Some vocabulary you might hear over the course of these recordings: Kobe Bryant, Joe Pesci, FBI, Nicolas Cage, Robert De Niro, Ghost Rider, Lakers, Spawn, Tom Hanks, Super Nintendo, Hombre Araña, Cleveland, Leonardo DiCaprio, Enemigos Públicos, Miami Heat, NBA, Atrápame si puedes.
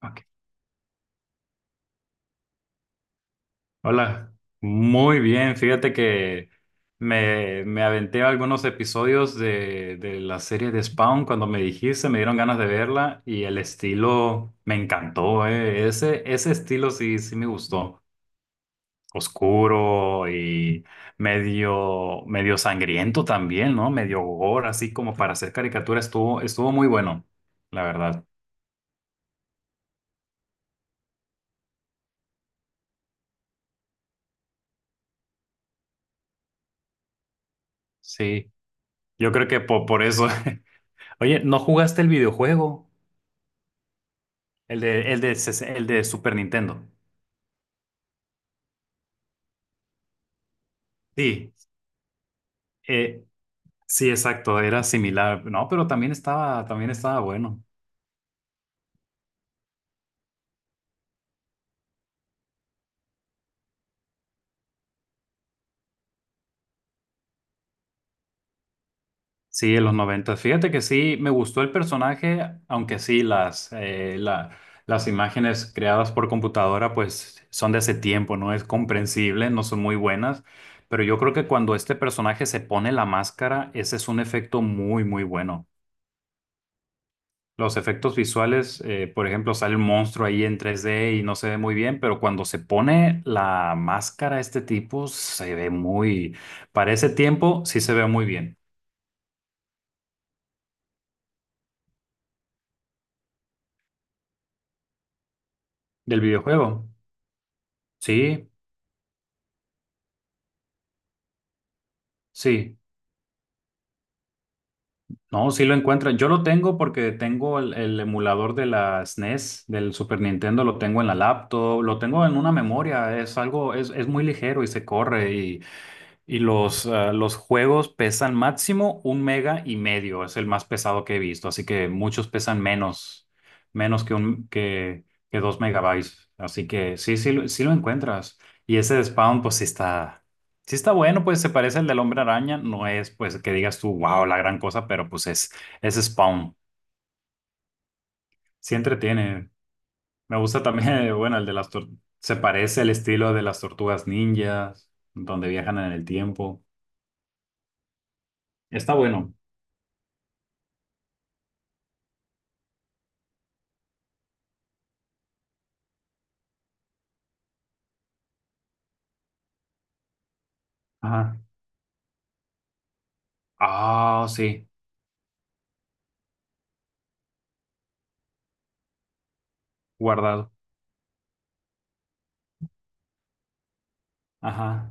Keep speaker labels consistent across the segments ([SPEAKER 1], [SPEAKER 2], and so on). [SPEAKER 1] Ok. Hola, muy bien. Fíjate que me aventé algunos episodios de la serie de Spawn cuando me dijiste, me dieron ganas de verla y el estilo me encantó, Ese estilo sí, sí me gustó. Oscuro y medio, medio sangriento también, ¿no? Medio gore, así como para hacer caricatura, estuvo muy bueno, la verdad. Sí, yo creo que por eso. Oye, ¿no jugaste el videojuego? El de Super Nintendo. Sí, eh, sí, exacto, era similar. No, pero también estaba bueno. Sí, en los noventa. Fíjate que sí, me gustó el personaje, aunque sí, las imágenes creadas por computadora, pues son de ese tiempo, ¿no? Es comprensible, no son muy buenas, pero yo creo que cuando este personaje se pone la máscara, ese es un efecto muy, muy bueno. Los efectos visuales, por ejemplo, sale un monstruo ahí en 3D y no se ve muy bien, pero cuando se pone la máscara, este tipo se ve muy, para ese tiempo sí se ve muy bien. ¿Del videojuego? Sí, sí. No, sí lo encuentran. Yo lo tengo porque tengo el emulador de la SNES, del Super Nintendo, lo tengo en la laptop, lo tengo en una memoria. Es muy ligero y se corre. Y los, los juegos pesan máximo un mega y medio, es el más pesado que he visto, así que muchos pesan menos, menos que, un, que, que dos megabytes, así que sí, sí, sí lo encuentras. Y ese de Spawn, sí está bueno, pues se parece al del Hombre Araña, no es pues que digas tú, wow, la gran cosa, pero es Spawn, sí entretiene. Me gusta también, bueno, el de las tor- se parece al estilo de las tortugas ninjas, donde viajan en el tiempo. Está bueno. Ajá. Ah, sí, guardado. Ajá,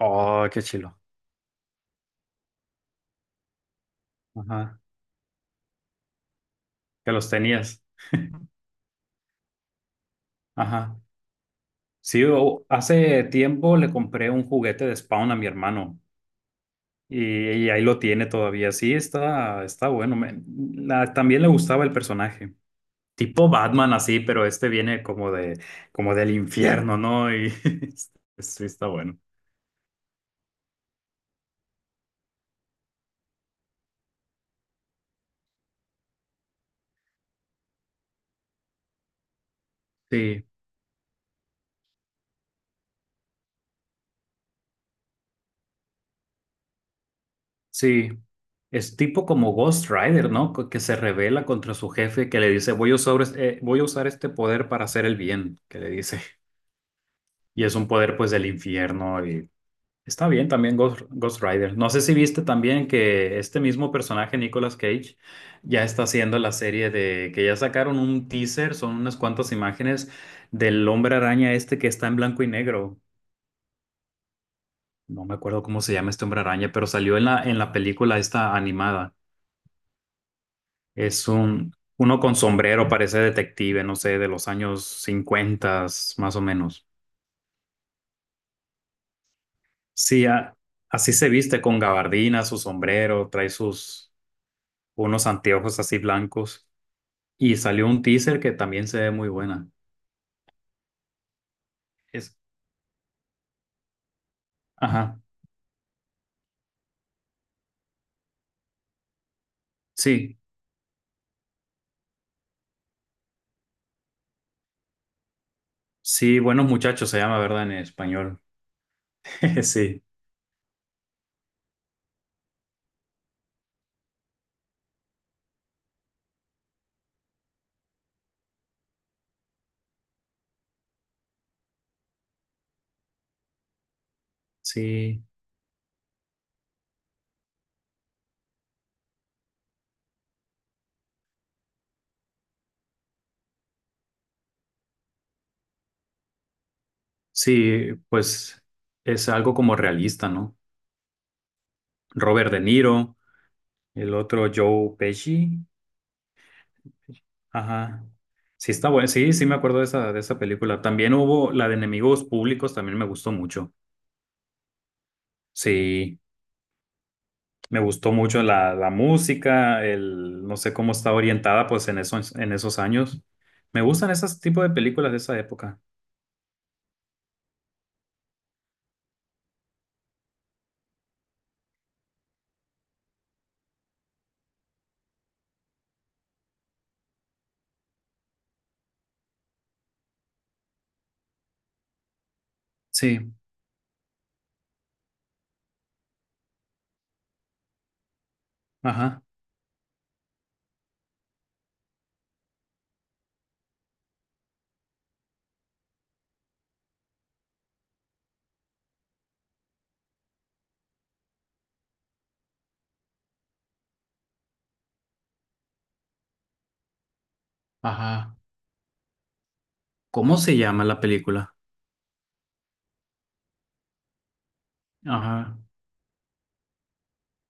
[SPEAKER 1] oh, qué chilo. Ajá, que los tenías. Ajá. Sí, hace tiempo le compré un juguete de Spawn a mi hermano y, y ahí lo tiene todavía. Sí, está, está bueno. También le gustaba el personaje. Tipo Batman así, pero este viene como de, como del infierno, ¿no? Y sí, está bueno. Sí. Sí, es tipo como Ghost Rider, ¿no? Que se revela contra su jefe, que le dice, voy a usar, voy a usar este poder para hacer el bien, que le dice. Y es un poder pues del infierno y está bien también Ghost Rider. No sé si viste también que este mismo personaje, Nicolas Cage, ya está haciendo la serie de, que ya sacaron un teaser, son unas cuantas imágenes del hombre araña este que está en blanco y negro. No me acuerdo cómo se llama este hombre araña, pero salió en la película esta animada. Es un, uno con sombrero, parece detective, no sé, de los años 50, más o menos. Sí, así se viste con gabardina, su sombrero, trae sus unos anteojos así blancos. Y salió un teaser que también se ve muy buena. Es, ajá, sí, sí, buenos muchachos se llama, ¿verdad? En español. Sí, sí, sí, pues es algo como realista, ¿no? Robert De Niro, el otro Joe Pesci. Ajá. Sí, está bueno. Sí, sí me acuerdo de esa película. También hubo la de Enemigos Públicos, también me gustó mucho. Sí, me gustó mucho la música, no sé cómo está orientada pues en en esos años. Me gustan esos tipos de películas de esa época. Sí, ajá, ajá. ¿Cómo se llama la película? Ajá.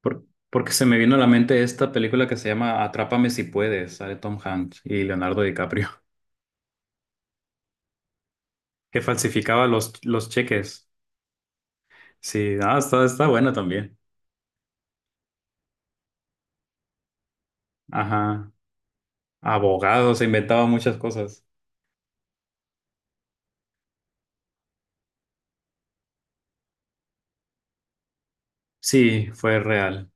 [SPEAKER 1] Por- porque se me vino a la mente esta película que se llama Atrápame si puedes, sale Tom Hanks y Leonardo DiCaprio, que falsificaba los cheques. Sí, no, está, está bueno también. Ajá. Abogado, se inventaba muchas cosas. Sí, fue real.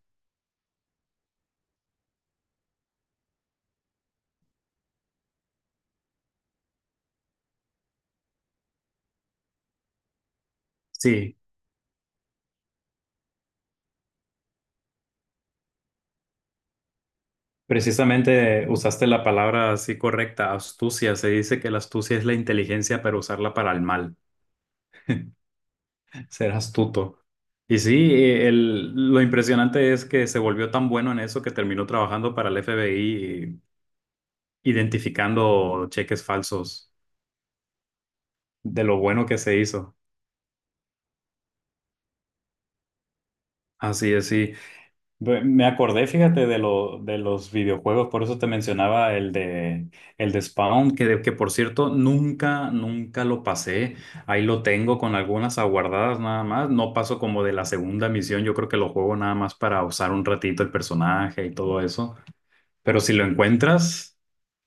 [SPEAKER 1] Sí, precisamente usaste la palabra así correcta, astucia. Se dice que la astucia es la inteligencia, pero usarla para el mal, ser astuto. Y sí, lo impresionante es que se volvió tan bueno en eso que terminó trabajando para el FBI, identificando cheques falsos, de lo bueno que se hizo. Así es, sí. Me acordé, fíjate, de los videojuegos, por eso te mencionaba el de Spawn, que por cierto nunca, nunca lo pasé. Ahí lo tengo con algunas aguardadas nada más. No paso como de la segunda misión, yo creo que lo juego nada más para usar un ratito el personaje y todo eso. Pero si lo encuentras,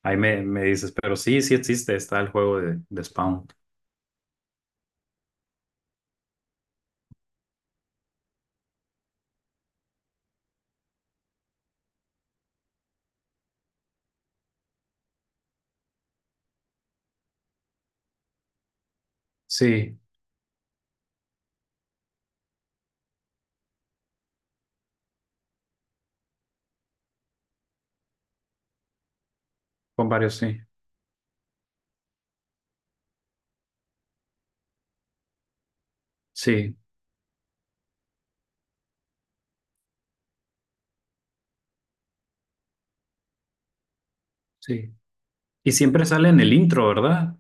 [SPEAKER 1] ahí me dices, pero sí, sí existe, está el juego de Spawn. Sí, con varios, sí. Sí, sí. Y siempre sale en el intro, ¿verdad?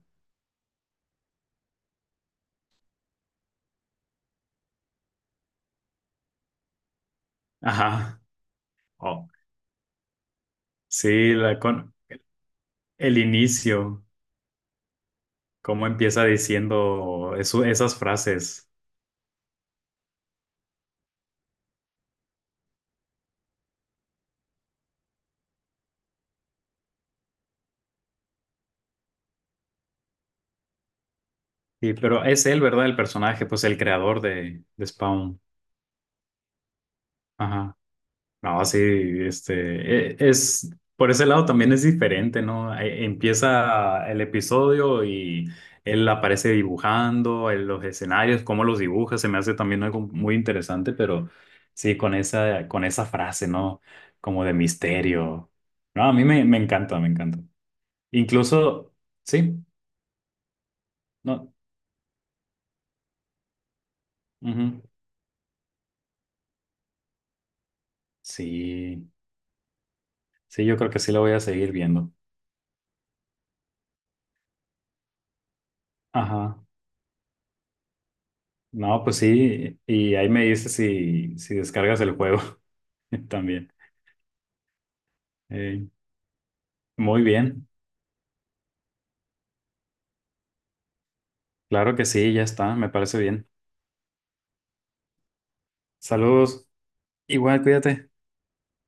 [SPEAKER 1] Ajá. Oh. Sí, la con el inicio, cómo empieza diciendo esas frases. Sí, pero es él, ¿verdad? El personaje, pues el creador de Spawn. Ajá. No, sí, es, por ese lado también es diferente, ¿no? Empieza el episodio y él aparece dibujando en los escenarios, cómo los dibuja, se me hace también algo muy interesante, pero sí, con esa frase, ¿no? Como de misterio. No, a mí me, me encanta, me encanta. Incluso, sí, no. Ujú. Sí, sí, yo creo que sí lo voy a seguir viendo. Ajá. No, pues sí, y ahí me dices si, si descargas el juego también. Eh, muy bien, claro que sí, ya está, me parece bien. Saludos, igual, cuídate.